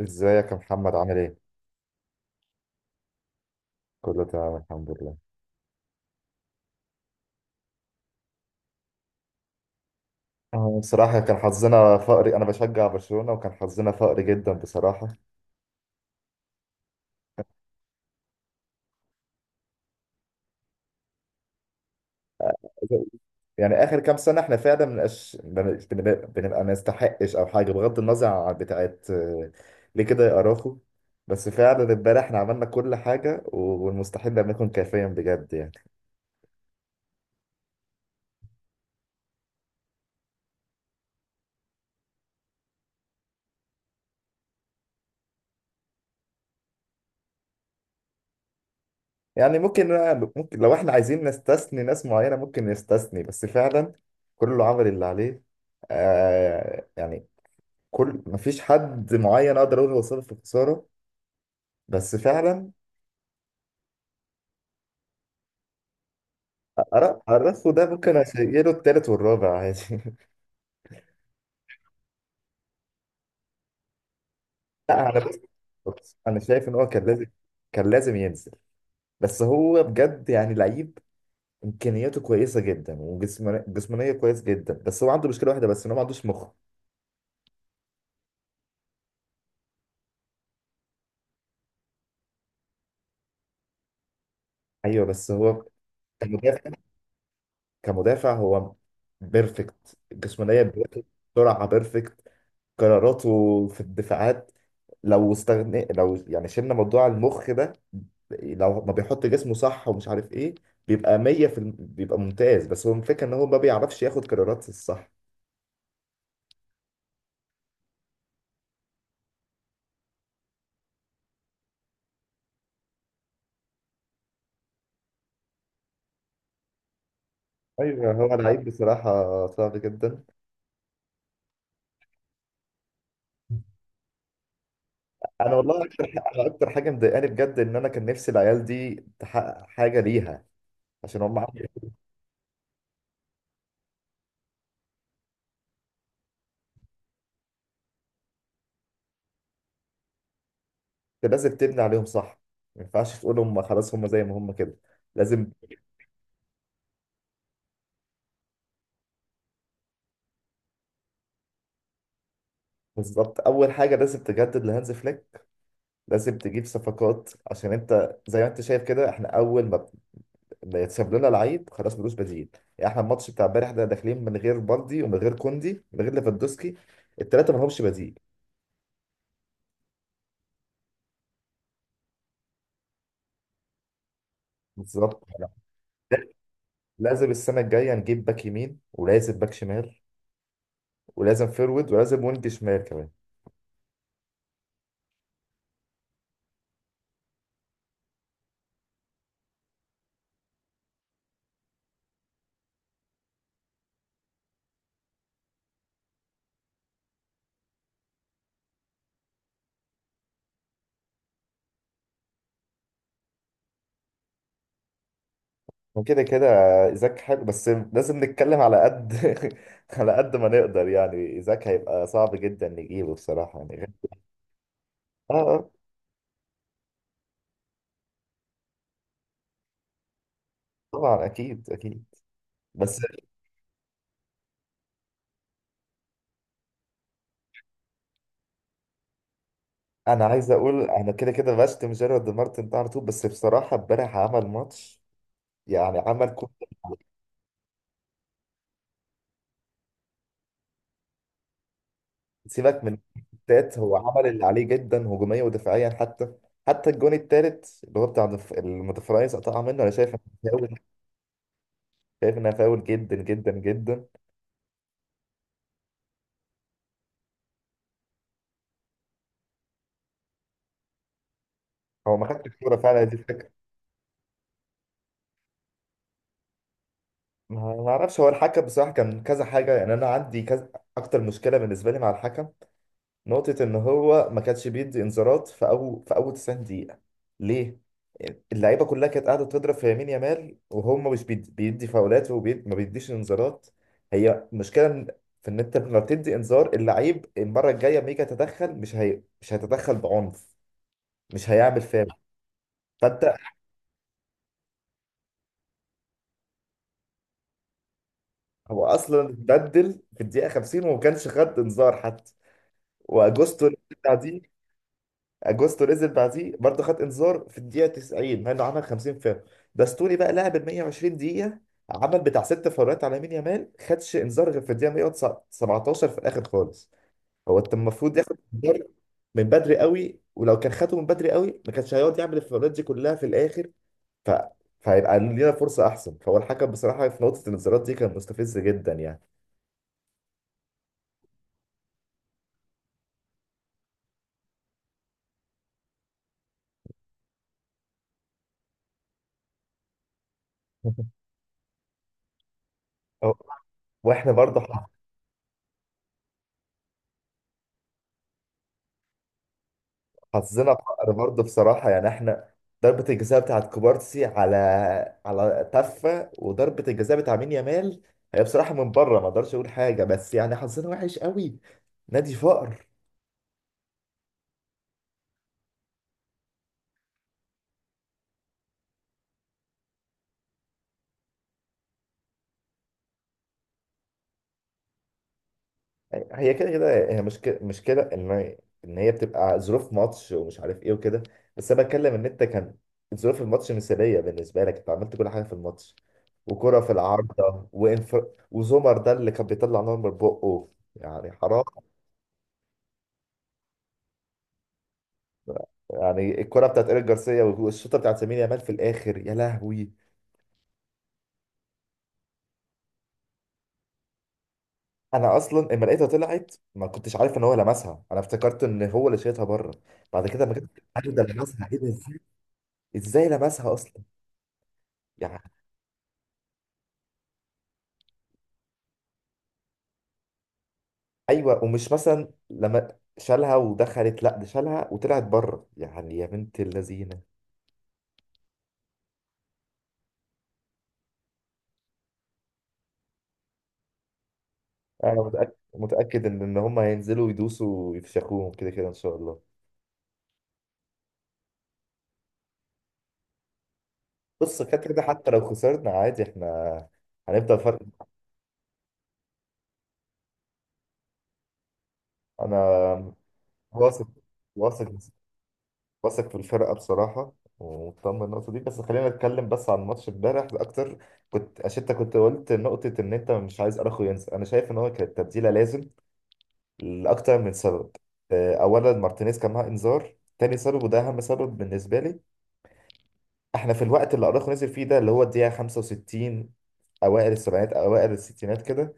ازيك يا محمد؟ عامل ايه؟ كله تمام الحمد لله. بصراحة كان حظنا فقري. أنا بشجع برشلونة، وكان حظنا فقري جدا بصراحة. يعني آخر كام سنة إحنا فعلا منبقاش، بنبقى ما نستحقش أو حاجة، بغض النظر عن بتاعت ليه كده يا أراخو؟ بس فعلا امبارح إحنا عملنا كل حاجة، والمستحيل لم يكن كافيا بجد يعني. يعني ممكن لو إحنا عايزين نستثني ناس معينة، ممكن نستثني، بس فعلا كله عمل اللي عليه. يعني كل مفيش حد معين اقدر اقول هو سبب في الخساره، بس فعلا ارخو ده ممكن اشيله التالت والرابع عادي. لا انا بس، بص، انا شايف ان هو كان لازم ينزل. بس هو بجد يعني لعيب، امكانياته كويسه جدا، وجسمانيه جسمانيه كويس جدا، بس هو عنده مشكله واحده بس، ان هو ما عندوش مخ. ايوه، بس هو كمدافع، كمدافع هو بيرفكت، جسمانيه بيرفكت، سرعه بيرفكت، قراراته في الدفاعات، لو استغنى، لو يعني شلنا موضوع المخ ده، لو ما بيحط جسمه صح ومش عارف ايه، بيبقى 100 بيبقى ممتاز. بس هو الفكره ان هو ما بيعرفش ياخد قرارات الصح. ايوه هو لعيب بصراحه صعب جدا. انا والله اكتر أنا اكتر حاجه مضايقاني بجد ان انا كان نفسي العيال دي تحقق حاجه ليها عشان هم انت لازم تبني عليهم صح، ما ينفعش تقول هم خلاص هم زي ما هم كده، لازم. بالظبط، اول حاجه لازم تجدد لهانز فليك، لازم تجيب صفقات، عشان انت زي ما انت شايف كده، احنا اول ما بيتساب لنا لعيب خلاص ملوش بديل. يعني احنا الماتش بتاع امبارح ده داخلين من غير بالدي ومن غير كوندي من غير ليفاندوسكي، الثلاثه ما لهمش بديل. بالظبط. لازم السنه الجايه نجيب باك يمين، ولازم باك شمال، ولازم فيرود، ولازم وينج شمال كمان. وكده كده ايزاك حلو، بس لازم نتكلم على قد على قد ما نقدر، يعني ايزاك هيبقى صعب جدا نجيبه بصراحه، يعني اه طبعا اكيد اكيد. بس انا عايز اقول، انا كده كده بشتم جيرارد مارتن ده على طول، بس بصراحه امبارح عمل ماتش، يعني عمل كل اللي عليه. سيبك من التات، هو عمل اللي عليه جدا، هجوميا ودفاعيا، حتى الجون التالت اللي هو بتاع المتفرايز قطع منه، انا شايف انه فاول، شايف انها فاول جدا جدا جدا. هو ما خدش الكوره فعلا، دي الفكره. ما اعرفش، هو الحكم بصراحه كان كذا حاجه، يعني انا عندي كذا. اكتر مشكله بالنسبه لي مع الحكم نقطه، ان هو ما كانش بيدي انذارات في اول 90 دقيقه، ليه؟ اللعيبه كلها كانت قاعده تضرب في يمين يامال، وهم مش بيدي فاولات وما بيديش انذارات. هي المشكله في ان انت لما بتدي انذار اللعيب، المره الجايه لما يجي يتدخل، مش هيتدخل بعنف، مش هيعمل فاول. فانت، هو اصلا بدل في الدقيقه 50 وما كانش خد انذار حتى. واجوستو بتاع دي، اجوستو نزل بعديه برضه خد انذار في الدقيقه 90، مع انه عمل 50 فاول. باستوني بقى لعب ال 120 دقيقه، عمل بتاع ست فاولات على يمين يامال، خدش انذار غير في الدقيقه 117 في الاخر خالص. هو انت المفروض ياخد انذار من بدري قوي، ولو كان خده من بدري قوي ما كانش هيقعد يعمل الفاولات دي كلها في الاخر. ف فهيبقى لينا فرصه احسن. فهو الحكم بصراحه في نقطه الانذارات دي كان مستفز جدا يعني. أو- واحنا برضه حظنا فقر برضه بصراحة، يعني احنا ضربة الجزاء بتاعت كوبارسي على تفة، وضربة الجزاء بتاع مين يامال، هي بصراحة من بره ما اقدرش اقول حاجة، بس يعني حظنا وحش قوي، نادي فقر. هي كده كده، هي مشكلة ان هي بتبقى ظروف ماتش ومش عارف ايه وكده. بس انا بتكلم ان انت كان ظروف الماتش مثالية بالنسبة لك، انت عملت كل حاجة في الماتش، وكرة في العارضة، وزمر ده اللي كان بيطلع نار من بقه، يعني حرام. يعني الكرة بتاعت ايريك جارسيا، والشوطة بتاعت لامين يامال في الاخر، يا لهوي. انا اصلا اما لقيتها طلعت ما كنتش عارف ان هو لمسها، انا افتكرت ان هو اللي شايطها بره، بعد كده ما كنت عارف ده لمسها ايه، ده ازاي لمسها اصلا يعني. ايوه، ومش مثلا لما شالها ودخلت، لا ده شالها وطلعت بره يعني، يا بنت اللذينه. انا متاكد متاكد ان هم هينزلوا يدوسوا ويفشخوهم كده كده ان شاء الله. بص كده كده، حتى لو خسرنا عادي احنا هنفضل فرق. انا واثق، واثق، واثق في الفرقة بصراحة، ومطمن النقطة دي. بس خلينا نتكلم بس عن ماتش امبارح أكتر. كنت عشان أنت كنت قلت نقطة إن أنت مش عايز أراخو ينزل، أنا شايف إن هو كانت تبديلة لازم لأكتر من سبب. أولا مارتينيز كان معاه إنذار، تاني سبب وده أهم سبب بالنسبة لي، إحنا في الوقت اللي أراخو نزل فيه ده اللي هو الدقيقة 65، أوائل السبعينات أوائل الستينات كده،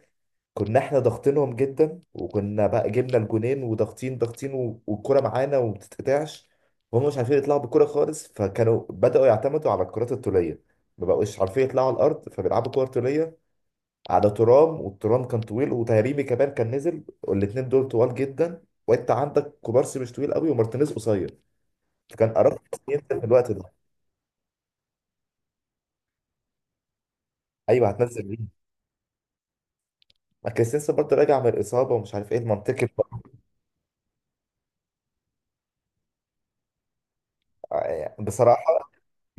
كنا احنا ضاغطينهم جدا، وكنا بقى جبنا الجونين وضاغطين ضاغطين والكرة معانا وما بتتقطعش، وهم مش عارفين يطلعوا بالكرة خالص، فكانوا بدأوا يعتمدوا على الكرات الطولية، ما بقوش عارفين يطلعوا على الأرض فبيلعبوا كرة طولية على ترام، والترام كان طويل، وتهريبي كمان كان نزل، والاتنين دول طوال جدا، وانت عندك كوبارسي مش طويل قوي ومارتينيز قصير، فكان أراخو ينزل في الوقت ده. ايوه هتنزل مين؟ ما كريستنسن برضه راجع من الإصابة، ومش عارف ايه المنطقي بصراحة.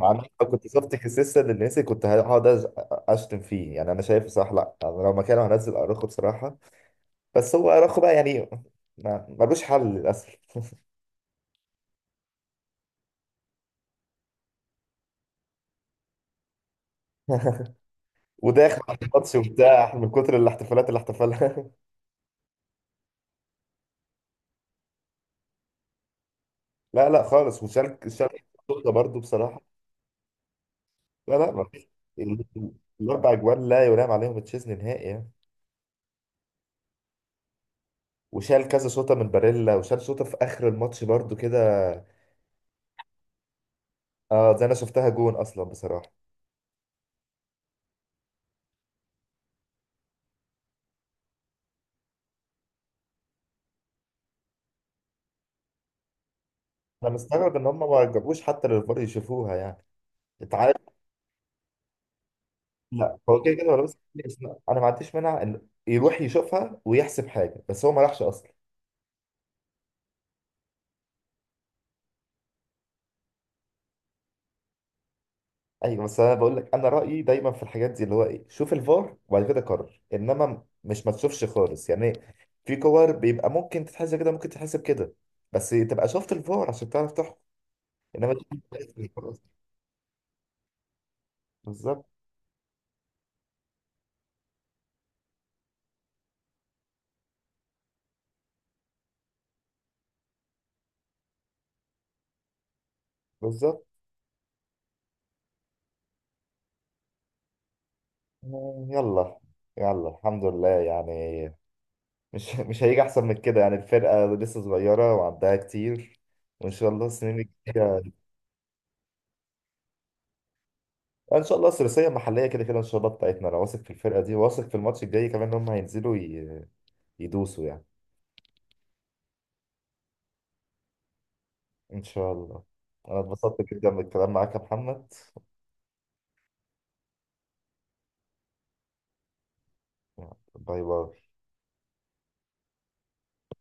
انا لو كنت شفت خسيسة للناس كنت هقعد اشتم فيه، يعني انا شايف صح. لا، أنا لو مكانه هنزل اراخو بصراحه، بس هو اراخو بقى يعني ملوش حل للاسف. وداخل على الماتش وبتاع من كتر الاحتفالات اللي احتفلها. لا، لا، خالص، وشارك شارك البطولة برضه بصراحه. لا، لا، ما فيش. ال- الاربع اجوان لا يرام عليهم تشيزني نهائي يعني. وشال كذا شوطه من باريلا، وشال شوطه في اخر الماتش برضه كده. اه، زي انا شفتها جون اصلا بصراحه. انا مستغرب ان هم ما جابوش حتى للفار يشوفوها، يعني انت عارف. لا، هو كده كده هو لابس كتير، بس انا أنا ما عنديش مانع ان يروح يشوفها ويحسب حاجه، بس هو ما راحش اصلا. ايوه بس انا بقول لك، انا رايي دايما في الحاجات دي، اللي هو ايه، شوف الفار وبعد كده قرر، انما مش ما تشوفش خالص يعني. في كور بيبقى ممكن تتحسب كده، ممكن تتحسب كده، بس تبقى شفت الفار عشان تعرف تحكم. انما تشوف الفار أصلاً. بالظبط. بالظبط. يلا يلا الحمد لله يعني. مش مش هيجي احسن من كده يعني. الفرقه لسه صغيره وعندها كتير، وان شاء الله السنين الجايه ان شاء الله. الثلاثيه المحليه كده كده ان شاء الله بتاعتنا. انا واثق في الفرقه دي، واثق في الماتش الجاي كمان، ان هم هينزلوا يدوسوا يعني ان شاء الله. انا اتبسطت جدا بالكلام معاك يا محمد. باي باي.